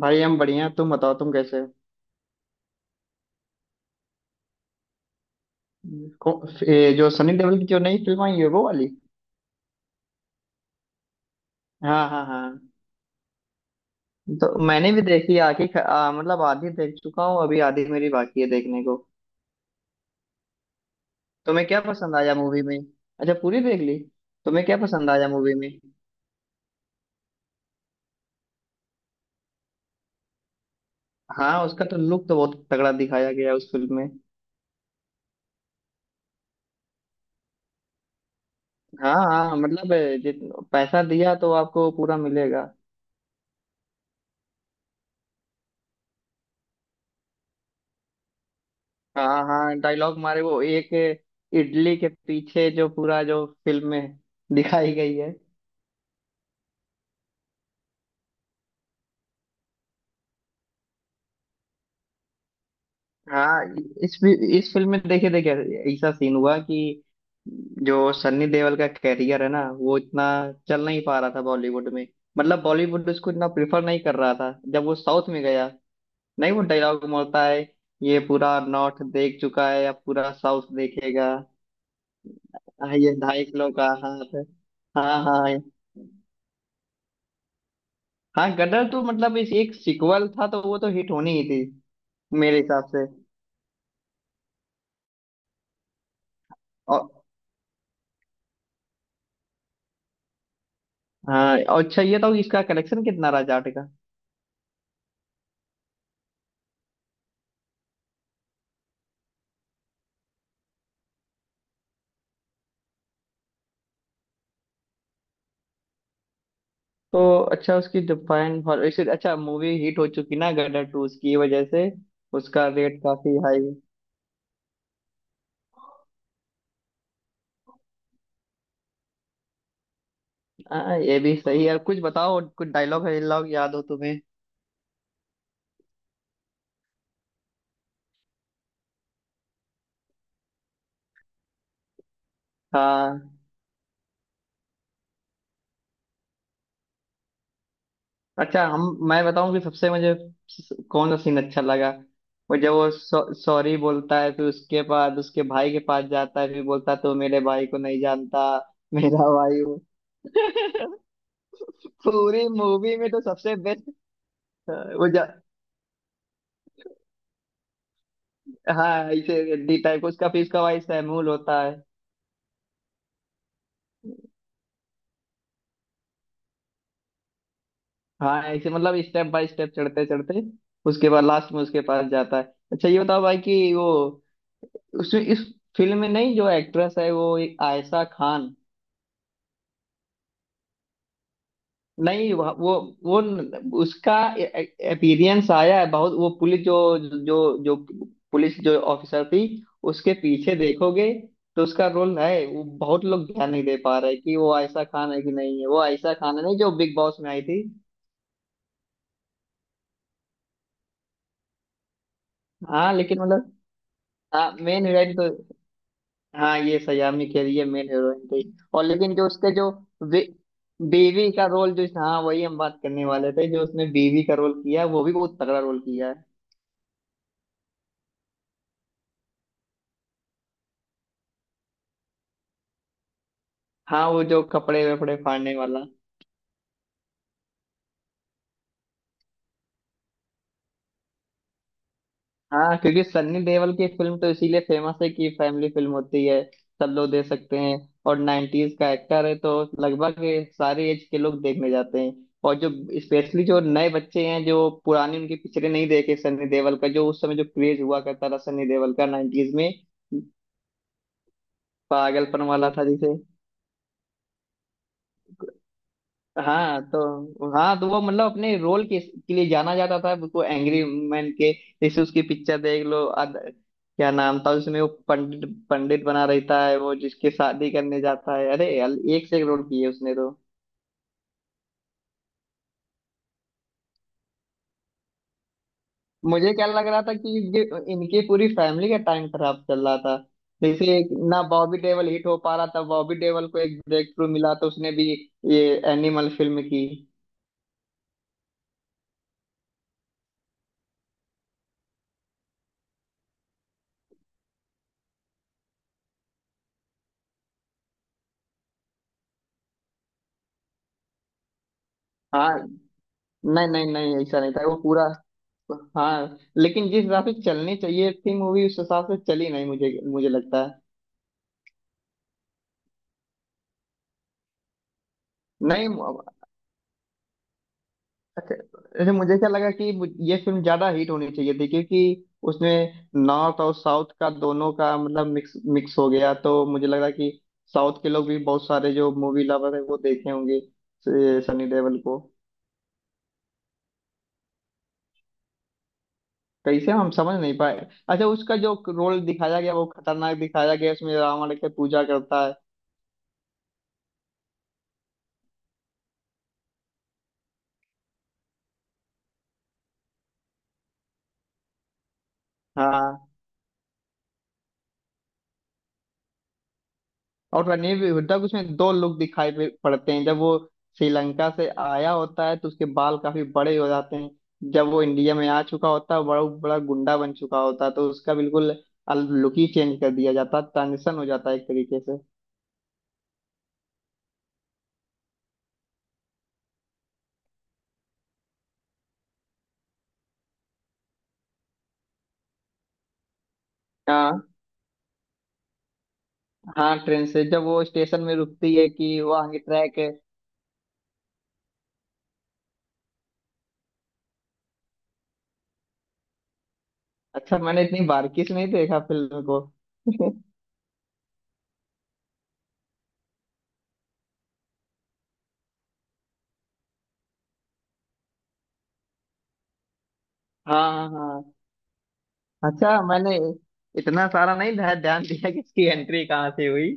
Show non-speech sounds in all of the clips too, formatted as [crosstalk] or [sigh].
भाई हम बढ़िया हैं, तुम बताओ तुम कैसे हो। ये जो सनी देओल की जो नई फिल्म आई है वो वाली। हाँ हाँ हाँ। तो मैंने भी देखी आखिर मतलब आधी देख चुका हूँ, अभी आधी मेरी बाकी है देखने को। तुम्हें क्या पसंद आया मूवी में? अच्छा, पूरी देख ली। तुम्हें क्या पसंद आया मूवी में? हाँ, उसका तो लुक तो बहुत तगड़ा दिखाया गया है उस फिल्म में। हाँ हाँ मतलब। जित। पैसा दिया तो आपको पूरा मिलेगा। हाँ हाँ, डायलॉग मारे वो एक इडली के पीछे जो पूरा जो फिल्म में [laughs] दिखाई गई है। हाँ। इस इस फिल्म में देखिए देखिए, ऐसा सीन हुआ कि जो सन्नी देओल का कैरियर है ना, वो इतना चल नहीं पा रहा था बॉलीवुड में। मतलब बॉलीवुड उसको इतना प्रिफर नहीं कर रहा था, जब वो साउथ में गया। नहीं, वो डायलॉग बोलता है, ये पूरा नॉर्थ देख चुका है अब पूरा साउथ देखेगा। हाँ, ये ढाई किलो का हाथ है। हाँ हाँ हाँ। हाँ, गदर तो मतलब इस एक सिक्वल था, तो वो तो हिट होनी ही थी, मेरे हिसाब से। और हाँ, और अच्छा ये तो, इसका कलेक्शन कितना रहा जाट? तो अच्छा, उसकी जापान हॉल वैसे अच्छा, मूवी हिट हो चुकी ना गदर टू उसकी वजह से। उसका रेट काफी हाई। हाँ हाँ, ये भी सही है। कुछ बताओ, कुछ डायलॉग वायलॉग याद हो तुम्हें? हाँ अच्छा हम, मैं बताऊं कि सबसे मुझे कौन सा सीन अच्छा लगा। वो जब वो सॉरी बोलता है, फिर उसके बाद उसके भाई के पास जाता है, फिर बोलता है, तो मेरे भाई को नहीं जानता। मेरा भाई वो, पूरी मूवी में तो सबसे बेस्ट। वो जा, हाँ ऐसे हड्डी टाइप उसका, फिर उसका भाई सैमूल होता है। हाँ, ऐसे मतलब स्टेप बाय स्टेप चढ़ते चढ़ते, उसके बाद लास्ट में उसके पास जाता है। अच्छा ये बताओ भाई कि वो उस इस फिल्म में, नहीं जो एक्ट्रेस है वो एक आयशा खान। नहीं वो, उसका अपीयरेंस आया है बहुत, वो पुलिस जो जो जो पुलिस जो ऑफिसर थी, उसके पीछे देखोगे तो उसका रोल है। वो बहुत लोग ध्यान नहीं दे पा रहे कि वो आयशा खान है कि नहीं है। वो आयशा खान है नहीं, जो बिग बॉस में आई थी? हाँ लेकिन मतलब, हाँ मेन हीरोइन तो, हाँ ये सयामी खेर ये मेन हीरोइन थी। और लेकिन जो उसके जो बे, बीवी का रोल, जो हाँ वही हम बात करने वाले थे। जो उसने बीवी का रोल किया वो भी बहुत तगड़ा रोल किया है। हाँ, वो जो कपड़े वपड़े फाड़ने वाला। हाँ, क्योंकि सन्नी देओल की फिल्म तो इसीलिए फेमस है कि फैमिली फिल्म होती है, सब लोग देख सकते हैं। और 90s का एक्टर है, तो लगभग ये सारे एज के लोग देखने जाते हैं। और जो स्पेशली जो नए बच्चे हैं, जो पुरानी उनकी पिक्चरें नहीं देखे सन्नी देओल का, जो उस समय जो क्रेज हुआ करता था सन्नी देओल का 90s में, पागलपन वाला था जिसे। हाँ तो वो मतलब अपने रोल के लिए जाना जाता था, उसको एंग्री मैन के, जैसे उसकी पिक्चर देख लो, क्या नाम था उसमें? वो पंडित पंडित बना रहता है, वो जिसके शादी करने जाता है। अरे यार, एक से एक रोल किए उसने तो। मुझे क्या लग रहा था कि इनके पूरी फैमिली का टाइम खराब चल रहा था। जैसे ना बॉबी देओल हिट हो पा रहा था, बॉबी देओल को एक ब्रेक थ्रू मिला, तो उसने भी ये एनिमल फिल्म की। हाँ, नहीं नहीं नहीं, ऐसा नहीं था वो पूरा। हाँ लेकिन जिस हिसाब से चलनी चाहिए थी मूवी, उस हिसाब से चली नहीं, मुझे मुझे लगता है। नहीं, अच्छा अच्छा, मुझे क्या लगा कि ये फिल्म ज्यादा हिट होनी चाहिए थी, क्योंकि उसमें नॉर्थ और साउथ का दोनों का मतलब मिक्स मिक्स हो गया, तो मुझे लग रहा है कि साउथ के लोग भी बहुत सारे जो मूवी लवर है वो देखे होंगे सनी देओल को। कैसे हम समझ नहीं पाए? अच्छा, उसका जो रोल दिखाया गया वो खतरनाक दिखाया गया उसमें, रावण के पूजा करता है। हाँ, और रणवीर हुड्डा को उसमें दो लुक दिखाई पड़ते हैं। जब वो श्रीलंका से आया होता है तो उसके बाल काफी बड़े हो जाते हैं, जब वो इंडिया में आ चुका होता है, बड़ा बड़ा गुंडा बन चुका होता है, तो उसका बिल्कुल लुक ही चेंज कर दिया जाता है, ट्रांजिशन हो जाता है एक तरीके से। हाँ, हाँ ट्रेन से जब वो स्टेशन में रुकती है कि वो आगे ट्रैक है। अच्छा, मैंने इतनी बारीकी से नहीं देखा फिल्म को। [laughs] हाँ हाँ हाँ। अच्छा, मैंने इतना सारा नहीं ध्यान दिया कि इसकी एंट्री कहाँ से हुई।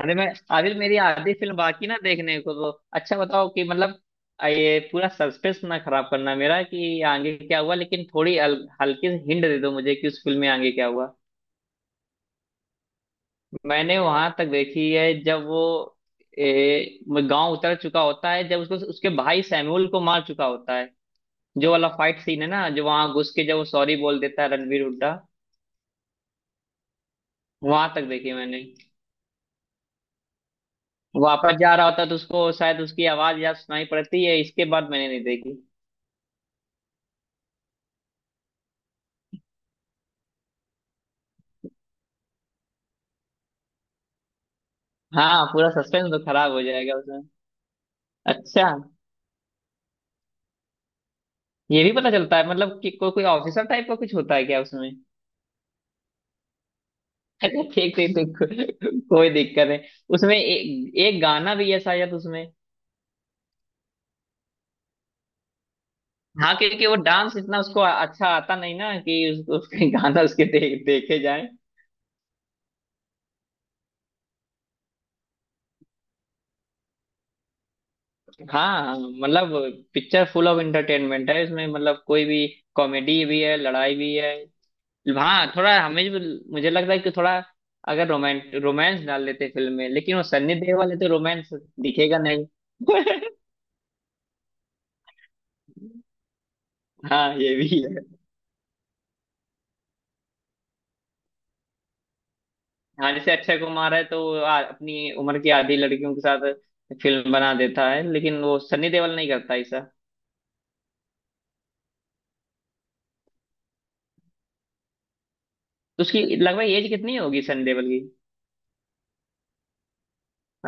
अरे मैं, आदिल मेरी आधी फिल्म बाकी ना देखने को तो। अच्छा बताओ कि मतलब ये पूरा सस्पेंस ना खराब करना मेरा कि आगे क्या हुआ, लेकिन थोड़ी हल्की सी हिंट दे दो मुझे कि उस फिल्म में आगे क्या हुआ। मैंने वहां तक देखी है जब वो गांव उतर चुका होता है, जब उसको उसके भाई सैमुअल को मार चुका होता है। जो वाला फाइट सीन है ना, जो वहां घुस के जब वो सॉरी बोल देता है रणवीर हुड्डा। वहां तक देखी मैंने। वापस जा रहा होता तो उसको शायद उसकी आवाज या सुनाई पड़ती है, इसके बाद मैंने नहीं देखी। हाँ, पूरा सस्पेंस तो खराब हो जाएगा उसमें। अच्छा ये भी पता चलता है मतलब कि कोई ऑफिसर टाइप का कुछ होता है क्या उसमें? [laughs] अच्छा ठीक ठीक ठीक, कोई दिक्कत है। उसमें एक एक गाना भी है शायद उसमें। हाँ, क्योंकि वो डांस इतना उसको अच्छा आता नहीं ना कि उसके गाना उसके देखे जाए। हाँ मतलब, पिक्चर फुल ऑफ एंटरटेनमेंट है इसमें, मतलब कोई भी। कॉमेडी भी है, लड़ाई भी है। हाँ, थोड़ा मुझे लगता है कि थोड़ा, अगर रोमांट रोमांस डाल लेते फिल्म में, लेकिन वो सन्नी देओल वाले तो रोमांस दिखेगा नहीं। [laughs] हाँ ये भी है। हाँ, जैसे अक्षय कुमार है, तो वो अपनी उम्र की आधी लड़कियों के साथ फिल्म बना देता है, लेकिन वो सन्नी देओल नहीं करता ऐसा। तो उसकी लगभग एज कितनी होगी सन्नी देओल की?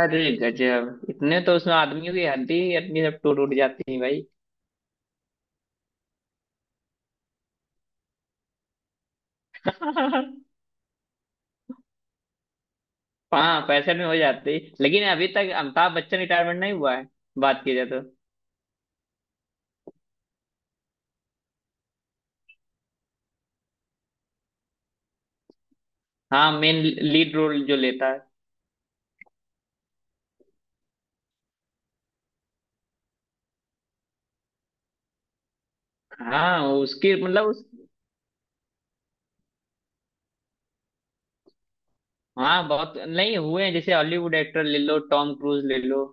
अरे गजब, इतने तो उसमें आदमियों की हड्डी हड्डी सब टूट उठ जाती है भाई। [laughs] हाँ, पैसे में हो जाती, लेकिन अभी तक अमिताभ बच्चन रिटायरमेंट नहीं हुआ है, बात की जाए तो। हाँ, मेन लीड रोल जो लेता है। हाँ, उसकी मतलब उस, हाँ बहुत नहीं हुए हैं, जैसे हॉलीवुड एक्टर ले लो, टॉम क्रूज ले लो।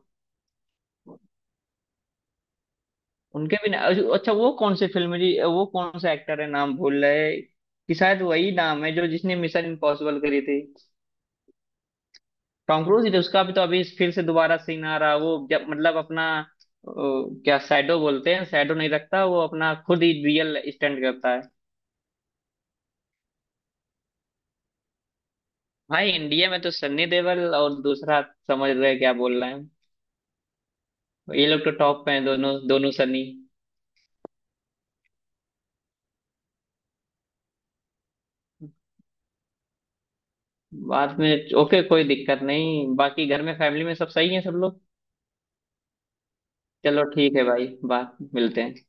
उनके भी ना-, अच्छा वो कौन से फिल्म है जी? वो कौन सा एक्टर है, नाम भूल रहे हैं, कि शायद वही नाम है जो जिसने मिशन इम्पॉसिबल करी थी। टॉम क्रूज ही तो, उसका भी तो अभी फिर से दोबारा सीन आ रहा है, वो जब मतलब अपना क्या शैडो बोलते हैं, शैडो नहीं रखता वो, अपना खुद ही रियल स्टंट करता है। भाई इंडिया में तो सन्नी देओल और दूसरा, समझ रहे हैं क्या बोल रहे हैं? ये लोग तो टॉप पे हैं दोनों, दोनों सनी। बाद में ओके कोई दिक्कत नहीं, बाकी घर में फैमिली में सब सही है सब लोग? चलो ठीक है भाई, बात मिलते हैं।